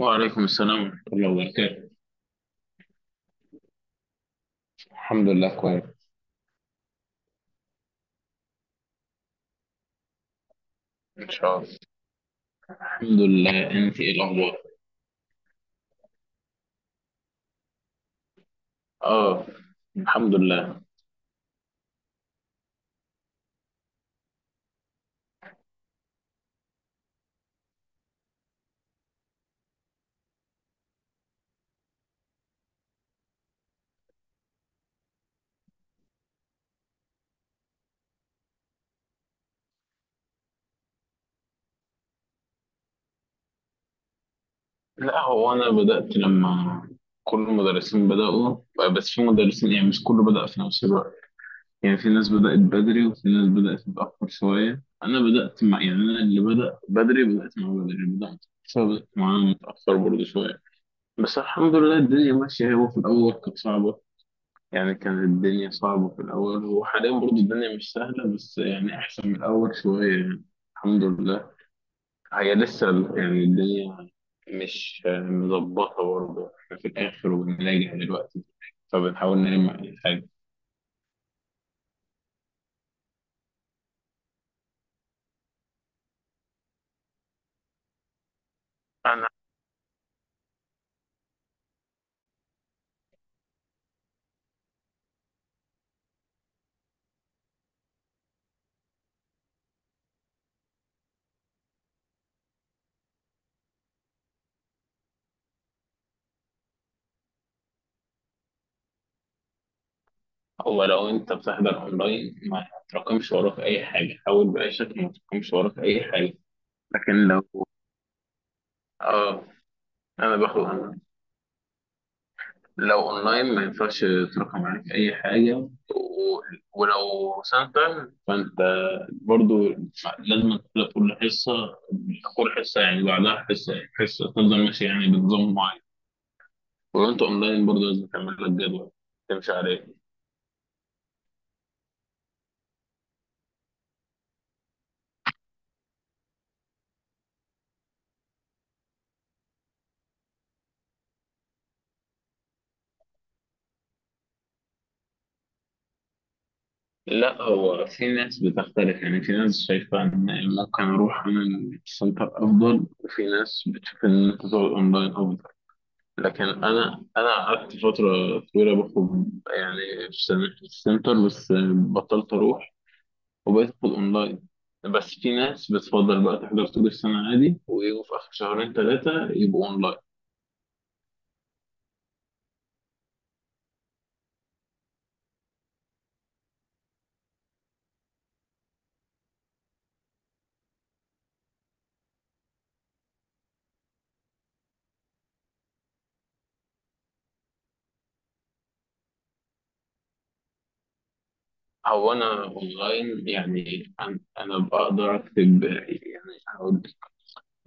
وعليكم السلام ورحمة الله وبركاته. الحمد لله كويس. ان شاء الله. الحمد لله، انت ايه الاخبار؟ اه، الحمد لله. لا، هو انا بدأت لما كل المدرسين بدأوا، بس في مدرسين يعني مش كله بدأ في نفس الوقت. يعني في ناس بدأت بدري وفي ناس بدأت متأخر شوية. انا بدأت مع، يعني انا اللي بدأ بدري بدأت مع بدري، اللي بدأت متأخر بدأت معاه متأخر برضه شوية. بس الحمد لله الدنيا ماشية. هو في الأول كانت صعبة، يعني كانت الدنيا صعبة في الأول، وحاليا برضه الدنيا مش سهلة بس يعني أحسن من الأول شوية يعني. الحمد لله. هي لسه يعني الدنيا مش مظبطة برضه، إحنا في الآخر وبنلاقي دلوقتي، فبنحاول نلم أي حاجة. أنا هو لو أنت بتحضر أونلاين ما تراكمش وراك أي حاجة، حاول بأي شكل ما تراكمش وراك أي حاجة. لكن لو، آه، أنا باخد، لو اونلاين ما ينفعش ترقم عليك اي حاجه ولو سنتر فانت برضو لازم تبقى كل حصه، كل حصه يعني بعدها حصه حصه تفضل ماشي يعني بنظام معين. ولو انت اونلاين برضو لازم تعمل لك جدول تمشي عليه. لا، هو في ناس بتختلف، يعني في ناس شايفه ان ممكن اروح اعمل سنتر افضل، وفي ناس بتشوف ان انت تقعد اونلاين افضل. لكن انا قعدت فتره طويله باخد، يعني في السنتر، بس بطلت اروح وبقيت اخد اونلاين. بس في ناس بتفضل بقى تحضر طول السنه عادي ويجوا في اخر شهرين ثلاثه يبقوا اونلاين. هو انا اونلاين، يعني أنا بقدر اكتب، يعني هقول لك.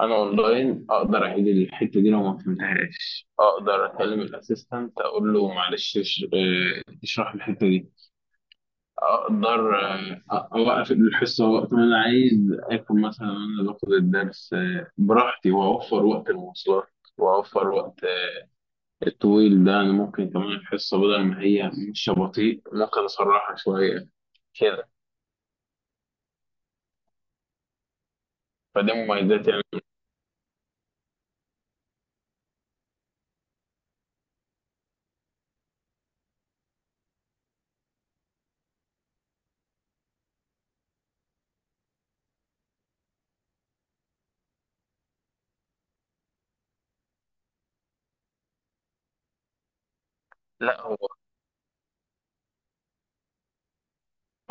انا اونلاين اقدر اعيد الحته دي لو ما فهمتهاش، اقدر اكلم الاسيستنت اقول له معلش اشرح الحته دي. اقدر، اوقف الحصه وقت ما انا عايز اكل مثلا وانا باخد الدرس، براحتي، واوفر وقت المواصلات، واوفر وقت الطويل ده. انا ممكن كمان الحصه بدل ما هي مش بطيء ممكن اسرعها شويه كده. فده مميزات يعني. لا، هو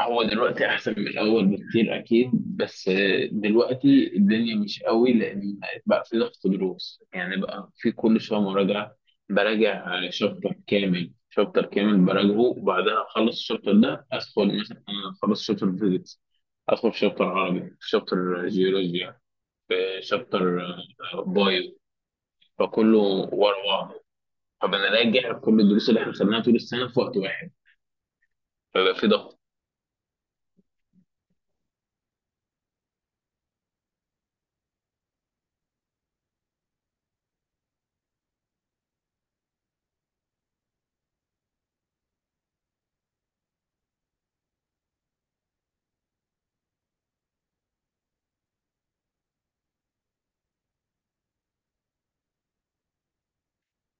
هو دلوقتي احسن من الاول بكتير اكيد، بس دلوقتي الدنيا مش قوي، لان بقى في ضغط دروس، يعني بقى في كل شويه مراجعه. براجع شابتر كامل، شابتر كامل براجعه وبعدها اخلص الشابتر ده ادخل، مثلا أنا خلصت شابتر فيزيكس ادخل في شابتر عربي، في شابتر جيولوجيا، في شابتر بايو، فكله ورا بعضه. فبنراجع كل الدروس اللي احنا خدناها طول السنه في وقت واحد، فبقى في ضغط.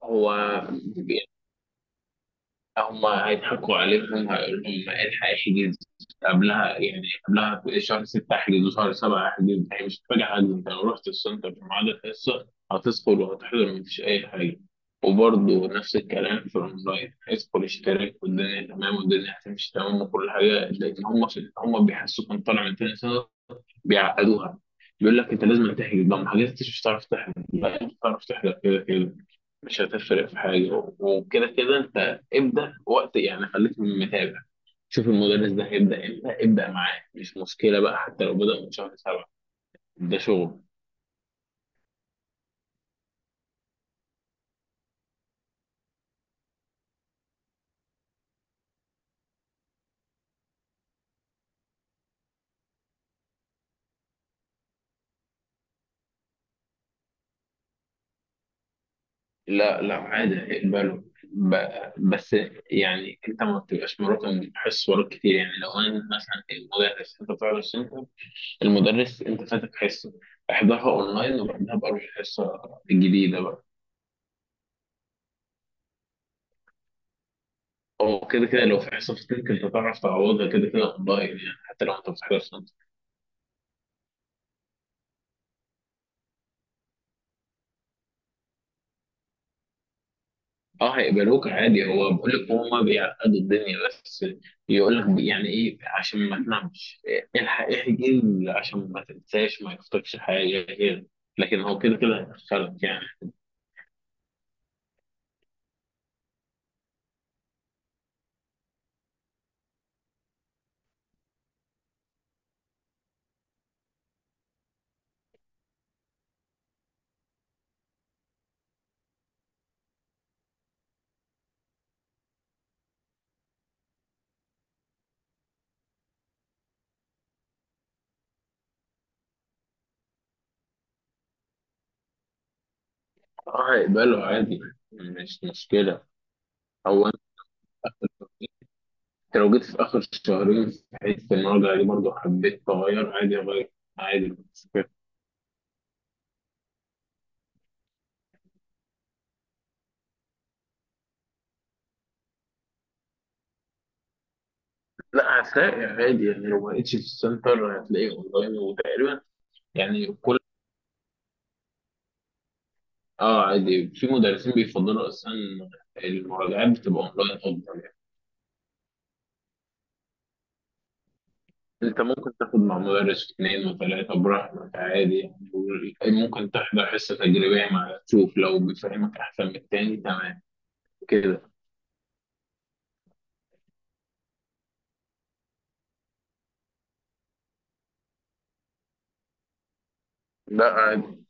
هو هم هيضحكوا عليهم هيقولوا لهم الحق احجز قبلها، يعني قبلها شهر 6 احجز وشهر 7 احجز. هي مش هتفاجئ حد، انت لو رحت السنتر في ميعاد الحصه هتدخل وهتحضر، مفيش اي حاجه. وبرضه نفس الكلام في الاونلاين، هيدخل اشتراك والدنيا تمام والدنيا هتمشي تمام وكل حاجه، لان هم بيحسوك ان طالع من تاني سنه، بيعقدوها. بيقول لك انت لازم تحجز بقى، ما حجزتش مش هتعرف تحجز بقى، انت بتعرف تحجز كده كده، مش هتفرق في حاجه. وكده كده انت ابدا وقت، يعني خليك متابع، شوف المدرس ده هيبدا امتى ابدا معاه، مش مشكله بقى حتى لو بدا من شهر سبعه. ده شغل. لا، عادي اقبله، بس يعني انت ما بتبقاش مراكم حصص وراك كتير. يعني لو انا مثلا المدرس، انت بتعرف انت المدرس انت فاتك حصه احضرها اونلاين وبعدها بقى روح الحصه الجديده بقى. هو كده كده لو في حصه فاتتك انت تعرف تعوضها كده كده اونلاين، يعني حتى لو انت بتحضرش انت. اه هيقبلوك عادي. هو بقول لك هما بيعقدوا الدنيا بس، يقول لك يعني ايه عشان ما تنامش الحق احجز، عشان ما تنساش ما يفوتكش حاجه كده. لكن هو كده كده هيدخلك يعني. اه هيقبله عادي، مش مشكله. هو انت لو جيت في اخر شهرين في حته المراجعه دي برضه حبيت اغير عادي اغير، عادي مش فارق. لا هتلاقي عادي، يعني لو ما لقيتش في السنتر هتلاقيه اونلاين. وتقريبا يعني كل، اه عادي، في مدرسين بيفضلوا اصلا المراجعات بتبقى اونلاين افضل يعني. انت ممكن تاخد مع مدرس اثنين وثلاثه براحتك عادي، يعني ممكن تحضر حصه تجريبيه مع تشوف لو بيفهمك احسن من التاني، تمام كده. لا عادي،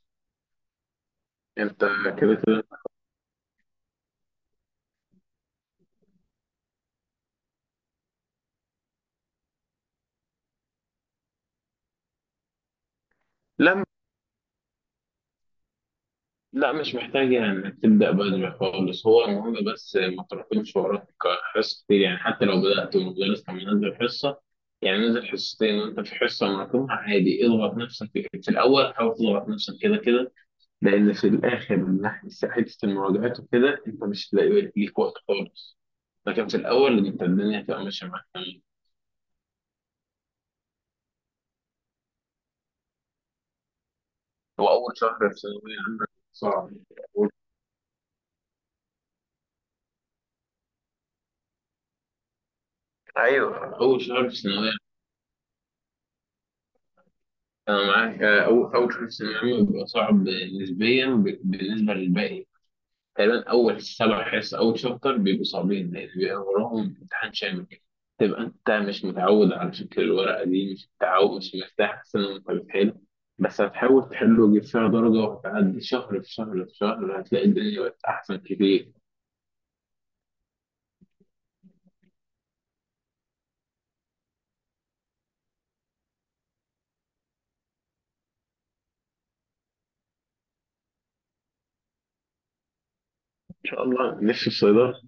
انت كده كده. لا لا مش محتاج يعني انك تبدا بدري خالص، هو المهم بس ما تراكمش وراك حصص كتير، يعني حتى لو بدات والمدرس كان منزل حصه، يعني نزل حصتين وانت في حصه مراكمها عادي، اضغط نفسك في الاول، حاول تضغط نفسك كده كده، لان في الاخر من ناحيه حته المراجعات وكده انت مش هتلاقي ليك وقت خالص، لكن في الاول انت الدنيا هتبقى ماشيه معاك تمام. هو اول شهر في ثانويه عامه صعب. أول، ايوه اول شهر في ثانويه، أنا معاك. أول حصة ثانوي بيبقى صعب نسبيا بالنسبة للباقي. تقريبا أول سبع حصص أول شابتر بيبقوا صعبين لأن بيبقى وراهم امتحان شامل، تبقى أنت مش متعود على شكل الورقة دي، مش متعود مش مرتاح أحسن وأنت بتحل، بس هتحاول تحله وتجيب فيها درجة، وهتعدي شهر في شهر في شهر هتلاقي الدنيا بقت أحسن كتير. إن شاء الله نفسي في صيدلة.